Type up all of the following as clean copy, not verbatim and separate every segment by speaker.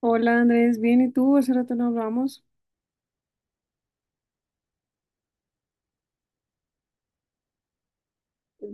Speaker 1: Hola Andrés, bien, ¿y tú? Hace rato no hablamos.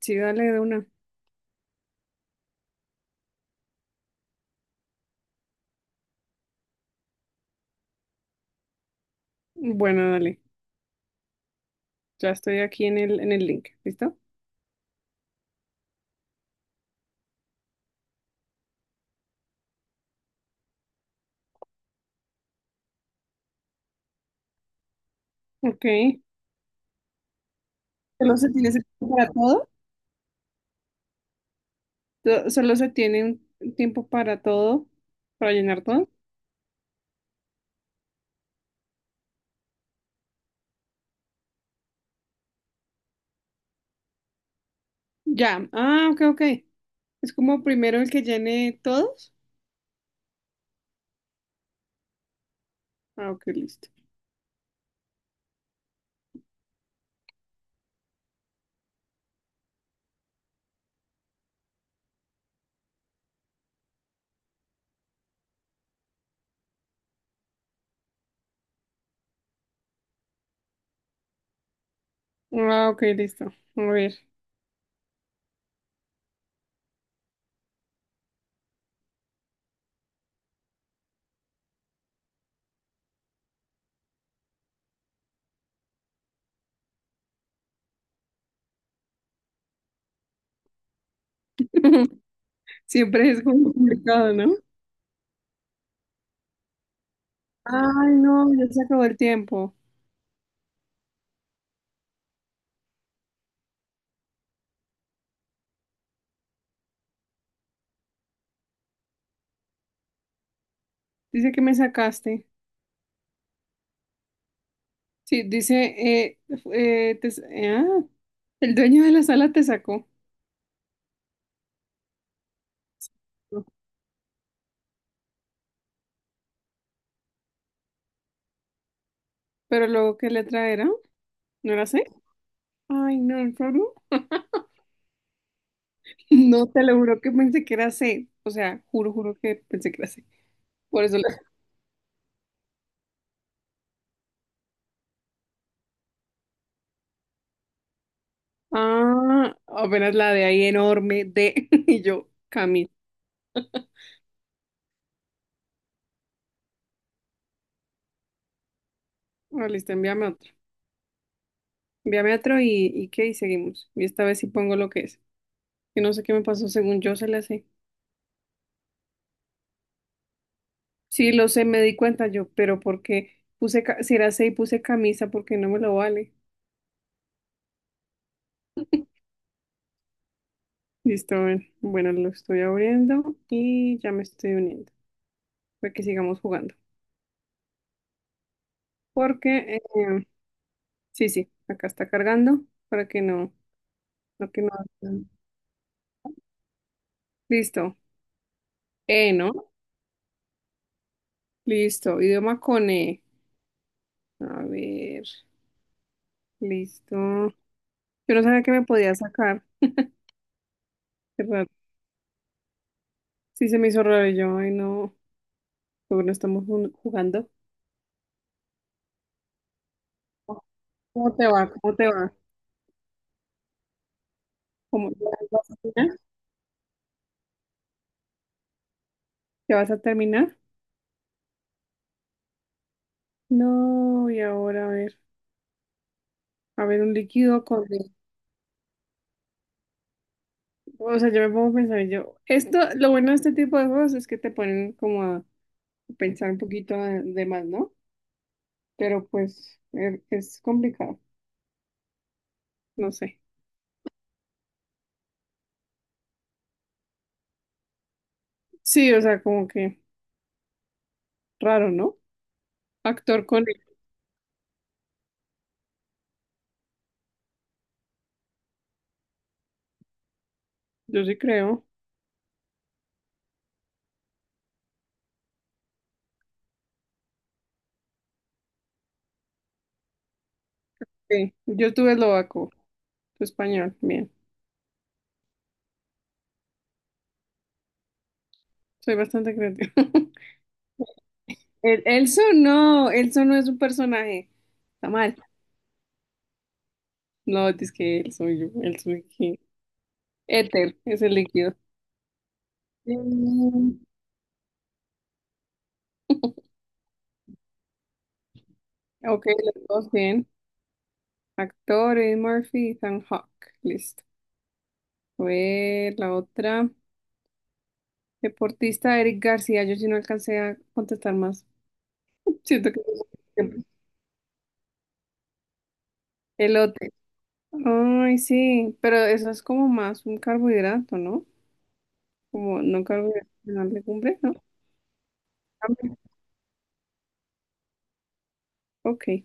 Speaker 1: Sí, dale de una. Bueno, dale. Ya estoy aquí en en el link. ¿Listo? Ok. ¿Solo se tiene ese tiempo para todo? ¿Solo se tiene un tiempo para todo? ¿Para llenar todo? Ya. Ah, ok, ok. Es como primero el que llene todos. Ah, ok, listo. Ah, ok, listo. A ver. Siempre es como complicado, ¿no? Ay, no, ya se acabó el tiempo. Dice que me sacaste. Sí, dice, eh, te- ah, el dueño de la sala te sacó. Pero luego, ¿qué letra era? ¿No era C? Ay, no, ¿en serio? No, te lo juro que pensé que era C. O sea, juro, juro que pensé que era C. Por eso, la- ah, apenas la de ahí enorme, D. Y yo, Camil. Ah, listo, envíame otro. Envíame otro y seguimos. Y esta vez sí pongo lo que es. Que no sé qué me pasó, según yo se le hace. Sí, lo sé, me di cuenta yo, pero porque puse, si era 6, puse camisa porque no me lo vale. Listo, a ver. Bueno, lo estoy abriendo y ya me estoy uniendo para que sigamos jugando. Porque, sí, sí, acá está cargando para que no, no que no. Listo. E, ¿no? Listo. Idioma con E. A ver, listo. Yo no sabía que me podía sacar. Qué raro. Sí, se me hizo raro y yo. Ay, no. Porque no estamos jugando. ¿Cómo te va? ¿Cómo te va? Como ya vas a terminar, ya vas a terminar. No, y ahora a ver un líquido con... O sea, yo me pongo a pensar, y yo, esto, lo bueno de este tipo de juegos es que te ponen como a pensar un poquito de más, ¿no? Pero pues es complicado, no sé. Sí, o sea, como que raro, ¿no? Actor con él, yo sí creo. Sí, yo tuve eslovaco, tu español, bien, soy bastante creativa. El, Elso no es un personaje, está mal. No, es que el suyo, Éter es el líquido. Mm, ok, los dos bien. Actores, Murphy, Ethan Hawke. Listo. A ver, la otra. Deportista, Eric García. Yo sí no alcancé a contestar más. Siento que... Elote. Ay, sí, pero eso es como más un carbohidrato, ¿no? Como no carbohidrato, sino legumbre, ¿no? Ah, ok.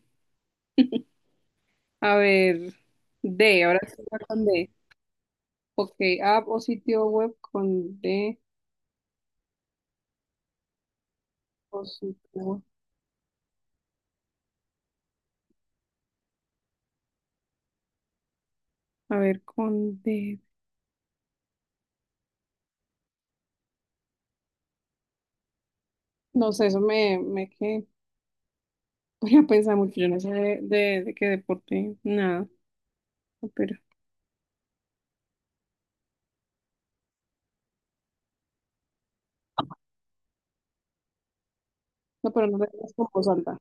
Speaker 1: A ver, D, ahora sí va con D. Ok, app o sitio web con D o sitio web. A ver, con D. No sé, eso me, me que voy a pensar mucho. Yo no sé de qué deporte, nada. No, pero, no, pero no sé es como salta.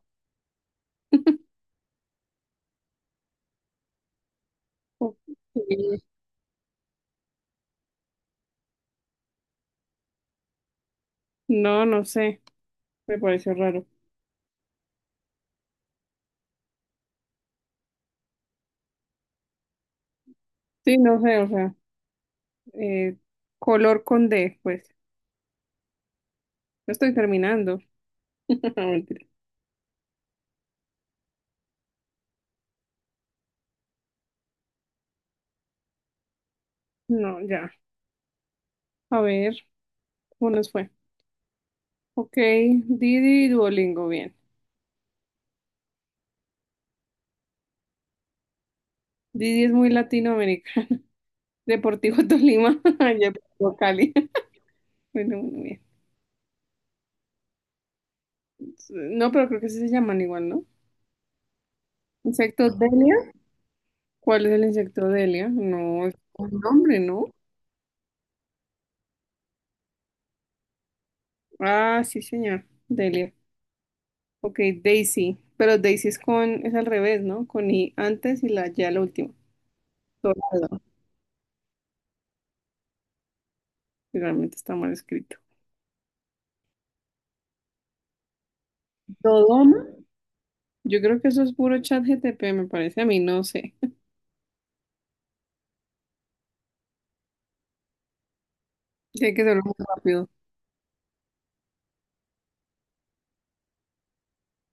Speaker 1: Ok. No, no sé. Me pareció raro. Sí, no sé, o sea, eh, color con D, pues. No estoy terminando. No, mentira. No, ya. A ver, ¿cómo nos fue? Ok, Didi y Duolingo, bien. Didi es muy latinoamericano. Deportivo Tolima, Deportivo Cali. Bueno, bueno, bien. No, pero creo que sí se llaman igual, ¿no? Insecto Delia. ¿Cuál es el insecto Delia? No, es un nombre, ¿no? Ah, sí, señor. Delia. Ok, Daisy. Pero Daisy es con, es al revés, ¿no? Con I antes y la ya la última. Dorado. Realmente está mal escrito. Dodoma. Yo creo que eso es puro chat GTP, me parece a mí, no sé. Tiene que ser muy rápido.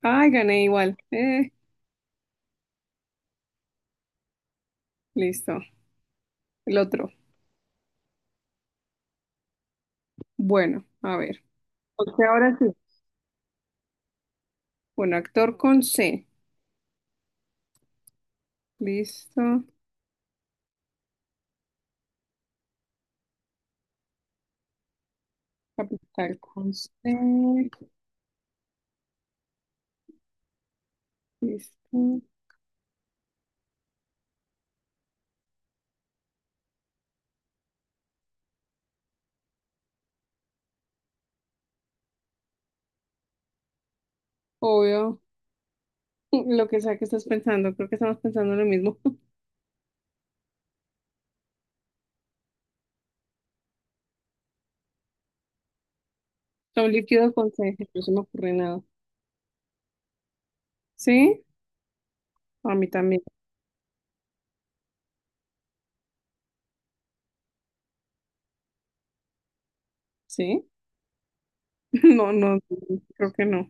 Speaker 1: Ay, gané igual. Listo. El otro. Bueno, a ver. Porque ahora sí, un actor con C, listo, capital con C, listo, obvio, lo que sea que estás pensando, creo que estamos pensando lo mismo, son líquidos con C, no se me ocurre nada, ¿sí? A mí también, ¿sí? No, no, creo que no,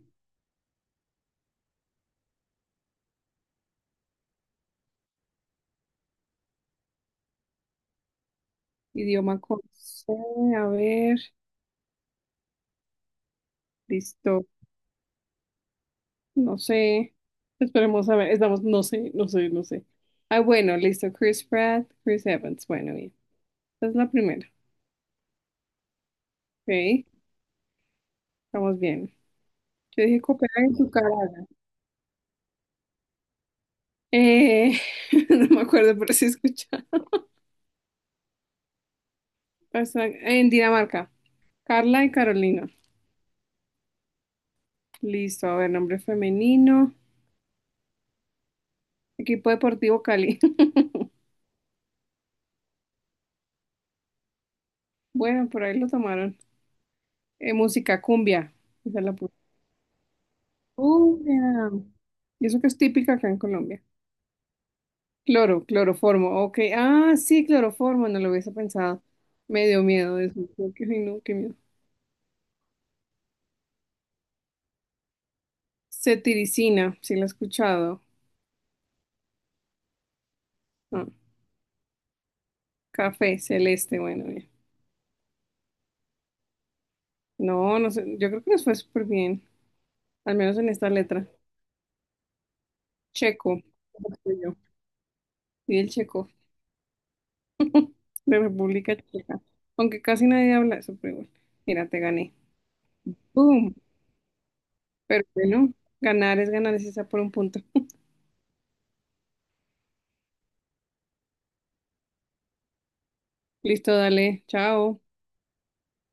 Speaker 1: idioma con C, a ver, listo, no sé, esperemos a ver, estamos, no sé, no sé, no sé, ah, bueno, listo, Chris Pratt, Chris Evans, bueno, bien, esta es la primera, ¿ok? Estamos bien. Yo dije Copenhague en su cara. Eh, no me acuerdo, pero sí escuchaba. En Dinamarca. Carla y Carolina. Listo, a ver, nombre femenino. Equipo deportivo Cali. Bueno, por ahí lo tomaron. Música, cumbia. Esa la puse. Cumbia. Y eso que es típica acá en Colombia. Cloro, cloroformo. Ok. Ah, sí, cloroformo. No lo hubiese pensado. Me dio miedo eso. Ay, no, qué miedo. Cetiricina. Sí, la he escuchado. Ah, café, celeste. Bueno, ya. No, no sé, yo creo que nos fue súper bien, al menos en esta letra. Checo, yo. Y el checo, de República Checa. Aunque casi nadie habla eso, pero igual. Mira, te gané. ¡Boom! Pero bueno, ganar, es esa por un punto. Listo, dale, chao.